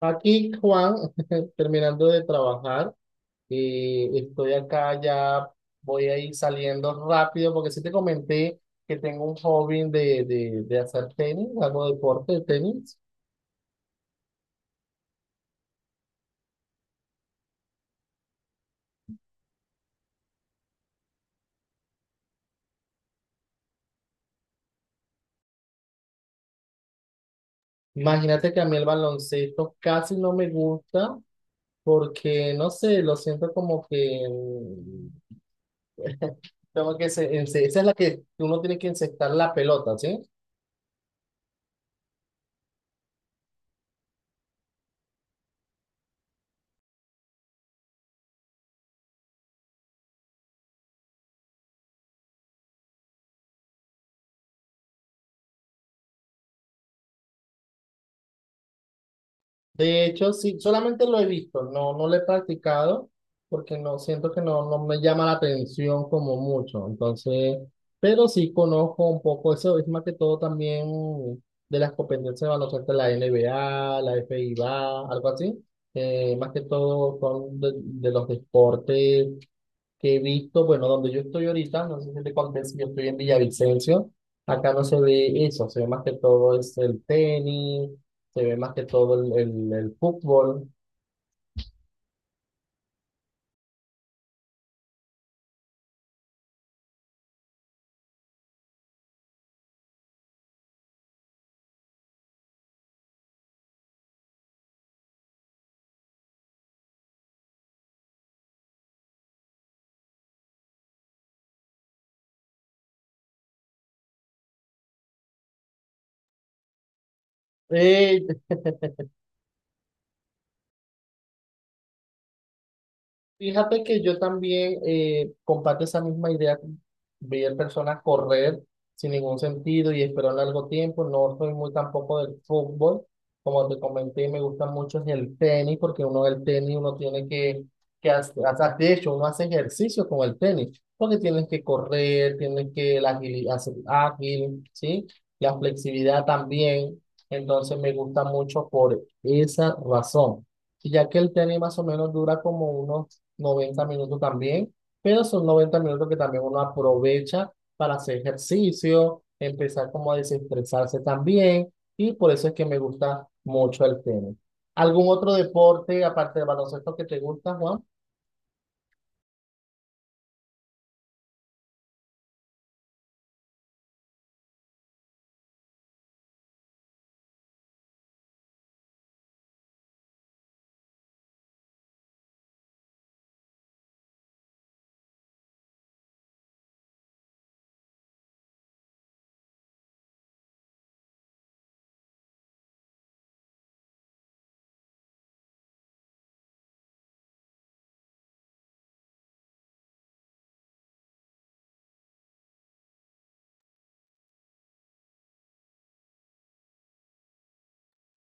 Aquí, Juan, terminando de trabajar, estoy acá ya, voy a ir saliendo rápido porque sí te comenté que tengo un hobby de hacer tenis, hago deporte de tenis. Imagínate que a mí el baloncesto casi no me gusta porque, no sé, lo siento como que tengo que, esa es la que uno tiene que encestar la pelota, ¿sí? De hecho, sí, solamente lo he visto, no, no lo he practicado porque no siento que no me llama la atención como mucho. Entonces, pero sí conozco un poco eso, es más que todo también de las competencias de baloncesto, la NBA, la FIBA, algo así. Más que todo son de los deportes que he visto, bueno, donde yo estoy ahorita, no sé si te conté, si yo estoy en Villavicencio, acá no se ve eso, se ve más que todo es el tenis, se ve más que todo el fútbol. Eh, Fíjate que yo también comparto esa misma idea, ver personas correr sin ningún sentido y esperar largo tiempo. No soy muy tampoco del fútbol, como te comenté, me gusta mucho es el tenis, porque uno el tenis, uno tiene que hacer, de hecho, uno hace ejercicio con el tenis, porque tienes que correr, tienes que hacer ágil, ¿sí? La flexibilidad también. Entonces me gusta mucho por esa razón ya que el tenis más o menos dura como unos 90 minutos también, pero son 90 minutos que también uno aprovecha para hacer ejercicio, empezar como a desestresarse también, y por eso es que me gusta mucho el tenis. ¿Algún otro deporte aparte del baloncesto que te gusta, Juan?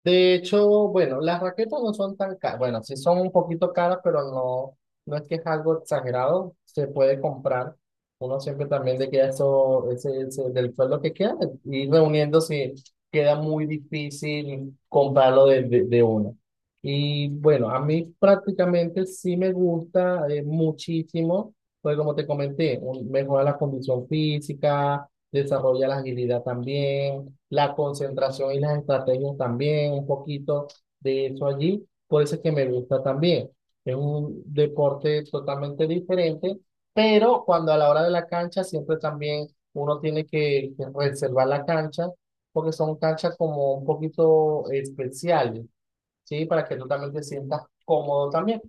De hecho, bueno, las raquetas no son tan caras. Bueno, sí son un poquito caras, pero no, no es que es algo exagerado. Se puede comprar. Uno siempre también le queda eso, del sueldo que queda. Ir reuniendo si queda muy difícil comprarlo de uno. Y bueno, a mí prácticamente sí me gusta muchísimo, porque como te comenté, mejora la condición física, desarrolla la agilidad también, la concentración y las estrategias también, un poquito de eso allí, por eso es que me gusta también. Es un deporte totalmente diferente, pero cuando a la hora de la cancha siempre también uno tiene que reservar la cancha, porque son canchas como un poquito especiales, ¿sí? Para que tú también te sientas cómodo también.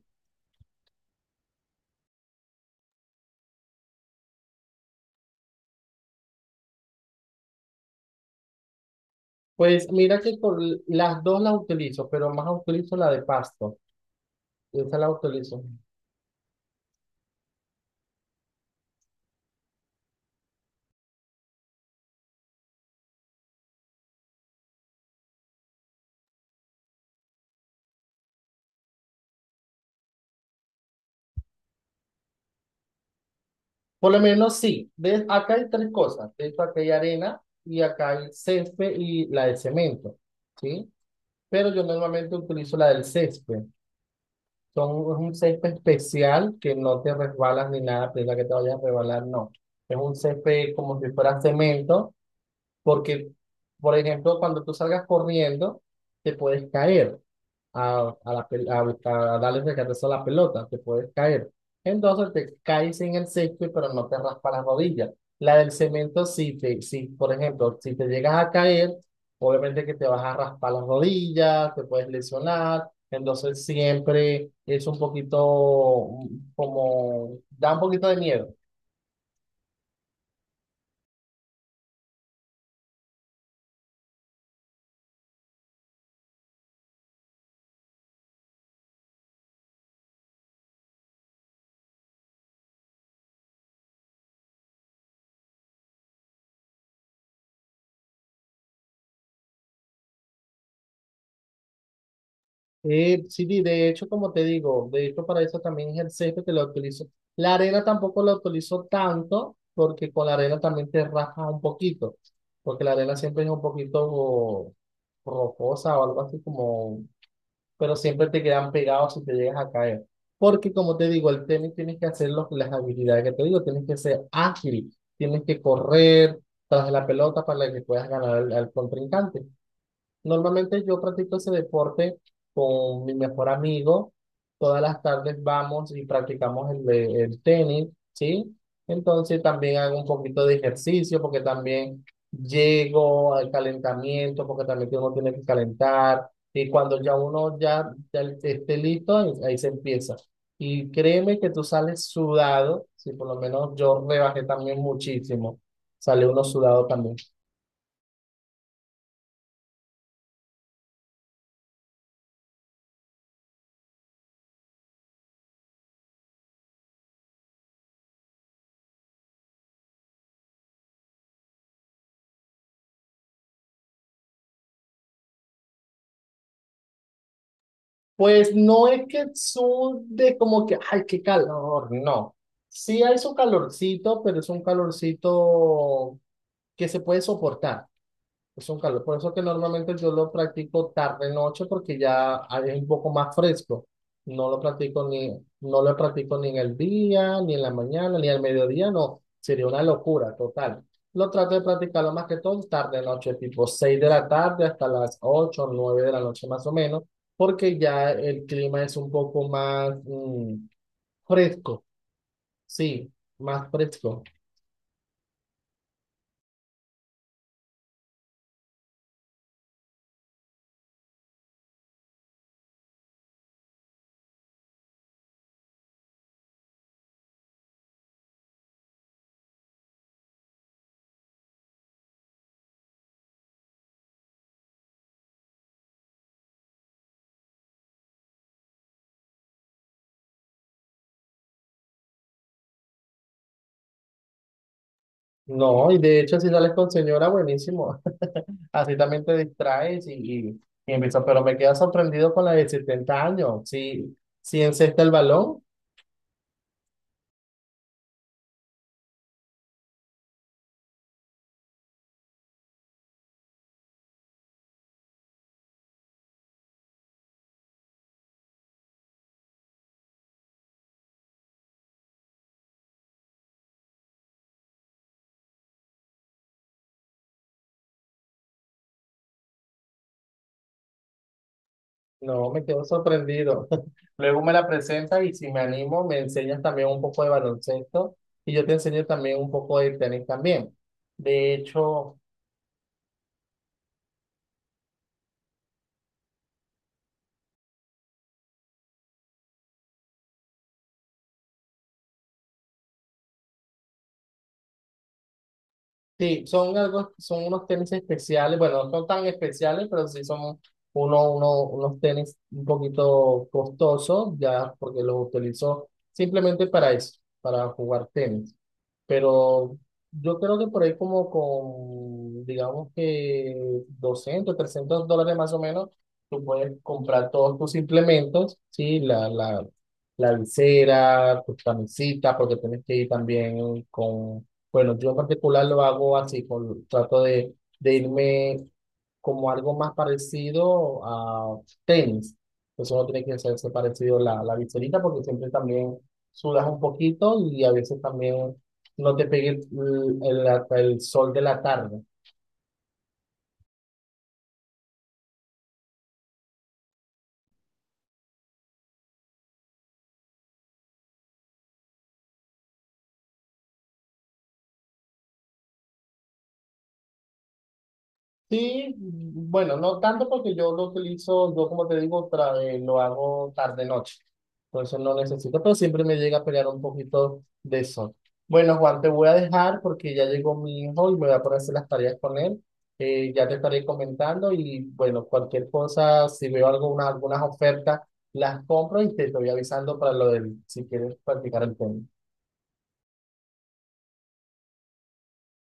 Pues mira que las dos las utilizo, pero más utilizo la de pasto. Esa la utilizo. Por lo menos sí. ¿Ves? Acá hay tres cosas. De hecho, acá hay arena y acá hay césped y la de cemento. ¿Sí? Pero yo normalmente utilizo la del césped. Son, es un césped especial que no te resbalas ni nada, pero la que te vayas a resbalar, no. Es un césped como si fuera cemento, porque, por ejemplo, cuando tú salgas corriendo, te puedes caer a darle recatezo a la pelota, te puedes caer. Entonces te caes en el césped, pero no te raspa las rodillas. La del cemento, si te, si, por ejemplo, si te llegas a caer, obviamente que te vas a raspar las rodillas, te puedes lesionar. Entonces siempre es un poquito como, da un poquito de miedo. Sí, de hecho, como te digo, de hecho para eso también es el césped que lo utilizo. La arena tampoco la utilizo tanto porque con la arena también te raspa un poquito, porque la arena siempre es un poquito rocosa o algo así como pero siempre te quedan pegados si te llegas a caer. Porque como te digo, el tenis tienes que hacer las habilidades que te digo, tienes que ser ágil, tienes que correr tras la pelota para que puedas ganar al contrincante. Normalmente yo practico ese deporte con mi mejor amigo. Todas las tardes vamos y practicamos el, el tenis, ¿sí? Entonces también hago un poquito de ejercicio porque también llego al calentamiento, porque también uno tiene que calentar. Y cuando ya uno ya esté listo, ahí se empieza. Y créeme que tú sales sudado, si por lo menos yo rebajé también muchísimo. Sale uno sudado también. Pues no es que sude como que, ay, qué calor, no. Sí hay su calorcito, pero es un calorcito que se puede soportar. Es un calor, por eso que normalmente yo lo practico tarde noche porque ya es un poco más fresco. No lo practico ni, no lo practico ni en el día, ni en la mañana, ni al mediodía, no. Sería una locura total. Lo trato de practicarlo más que todo tarde noche, tipo 6 de la tarde hasta las 8 o 9 de la noche más o menos, porque ya el clima es un poco más fresco, sí, más fresco. No, y de hecho si sales con señora, buenísimo. Así también te distraes y empiezas, pero me quedo sorprendido con la de 70 años. Si encesta el balón, no, me quedo sorprendido. Luego me la presentas y si me animo, me enseñas también un poco de baloncesto y yo te enseño también un poco de tenis también. De hecho, sí, son algo, son unos tenis especiales, bueno, no son tan especiales, pero sí son unos tenis un poquito costosos, ya porque los utilizo simplemente para eso, para jugar tenis. Pero yo creo que por ahí como con, digamos que 200 $300 más o menos, tú puedes comprar todos tus implementos, ¿sí? La visera, tus camisetas, porque tienes que ir también con bueno, yo en particular lo hago así, con, trato de irme como algo más parecido a tenis. Pues uno tiene que hacerse parecido la viserita porque siempre también sudas un poquito y a veces también no te pegue el sol de la tarde. Sí, bueno, no tanto porque yo lo utilizo, yo como te digo, lo hago tarde-noche. Entonces no necesito, pero siempre me llega a pelear un poquito de eso. Bueno, Juan, te voy a dejar porque ya llegó mi hijo y me voy a poner a hacer las tareas con él. Ya te estaré comentando y bueno, cualquier cosa, si veo alguna, algunas ofertas, las compro y te estoy avisando para lo del, si quieres practicar el tema.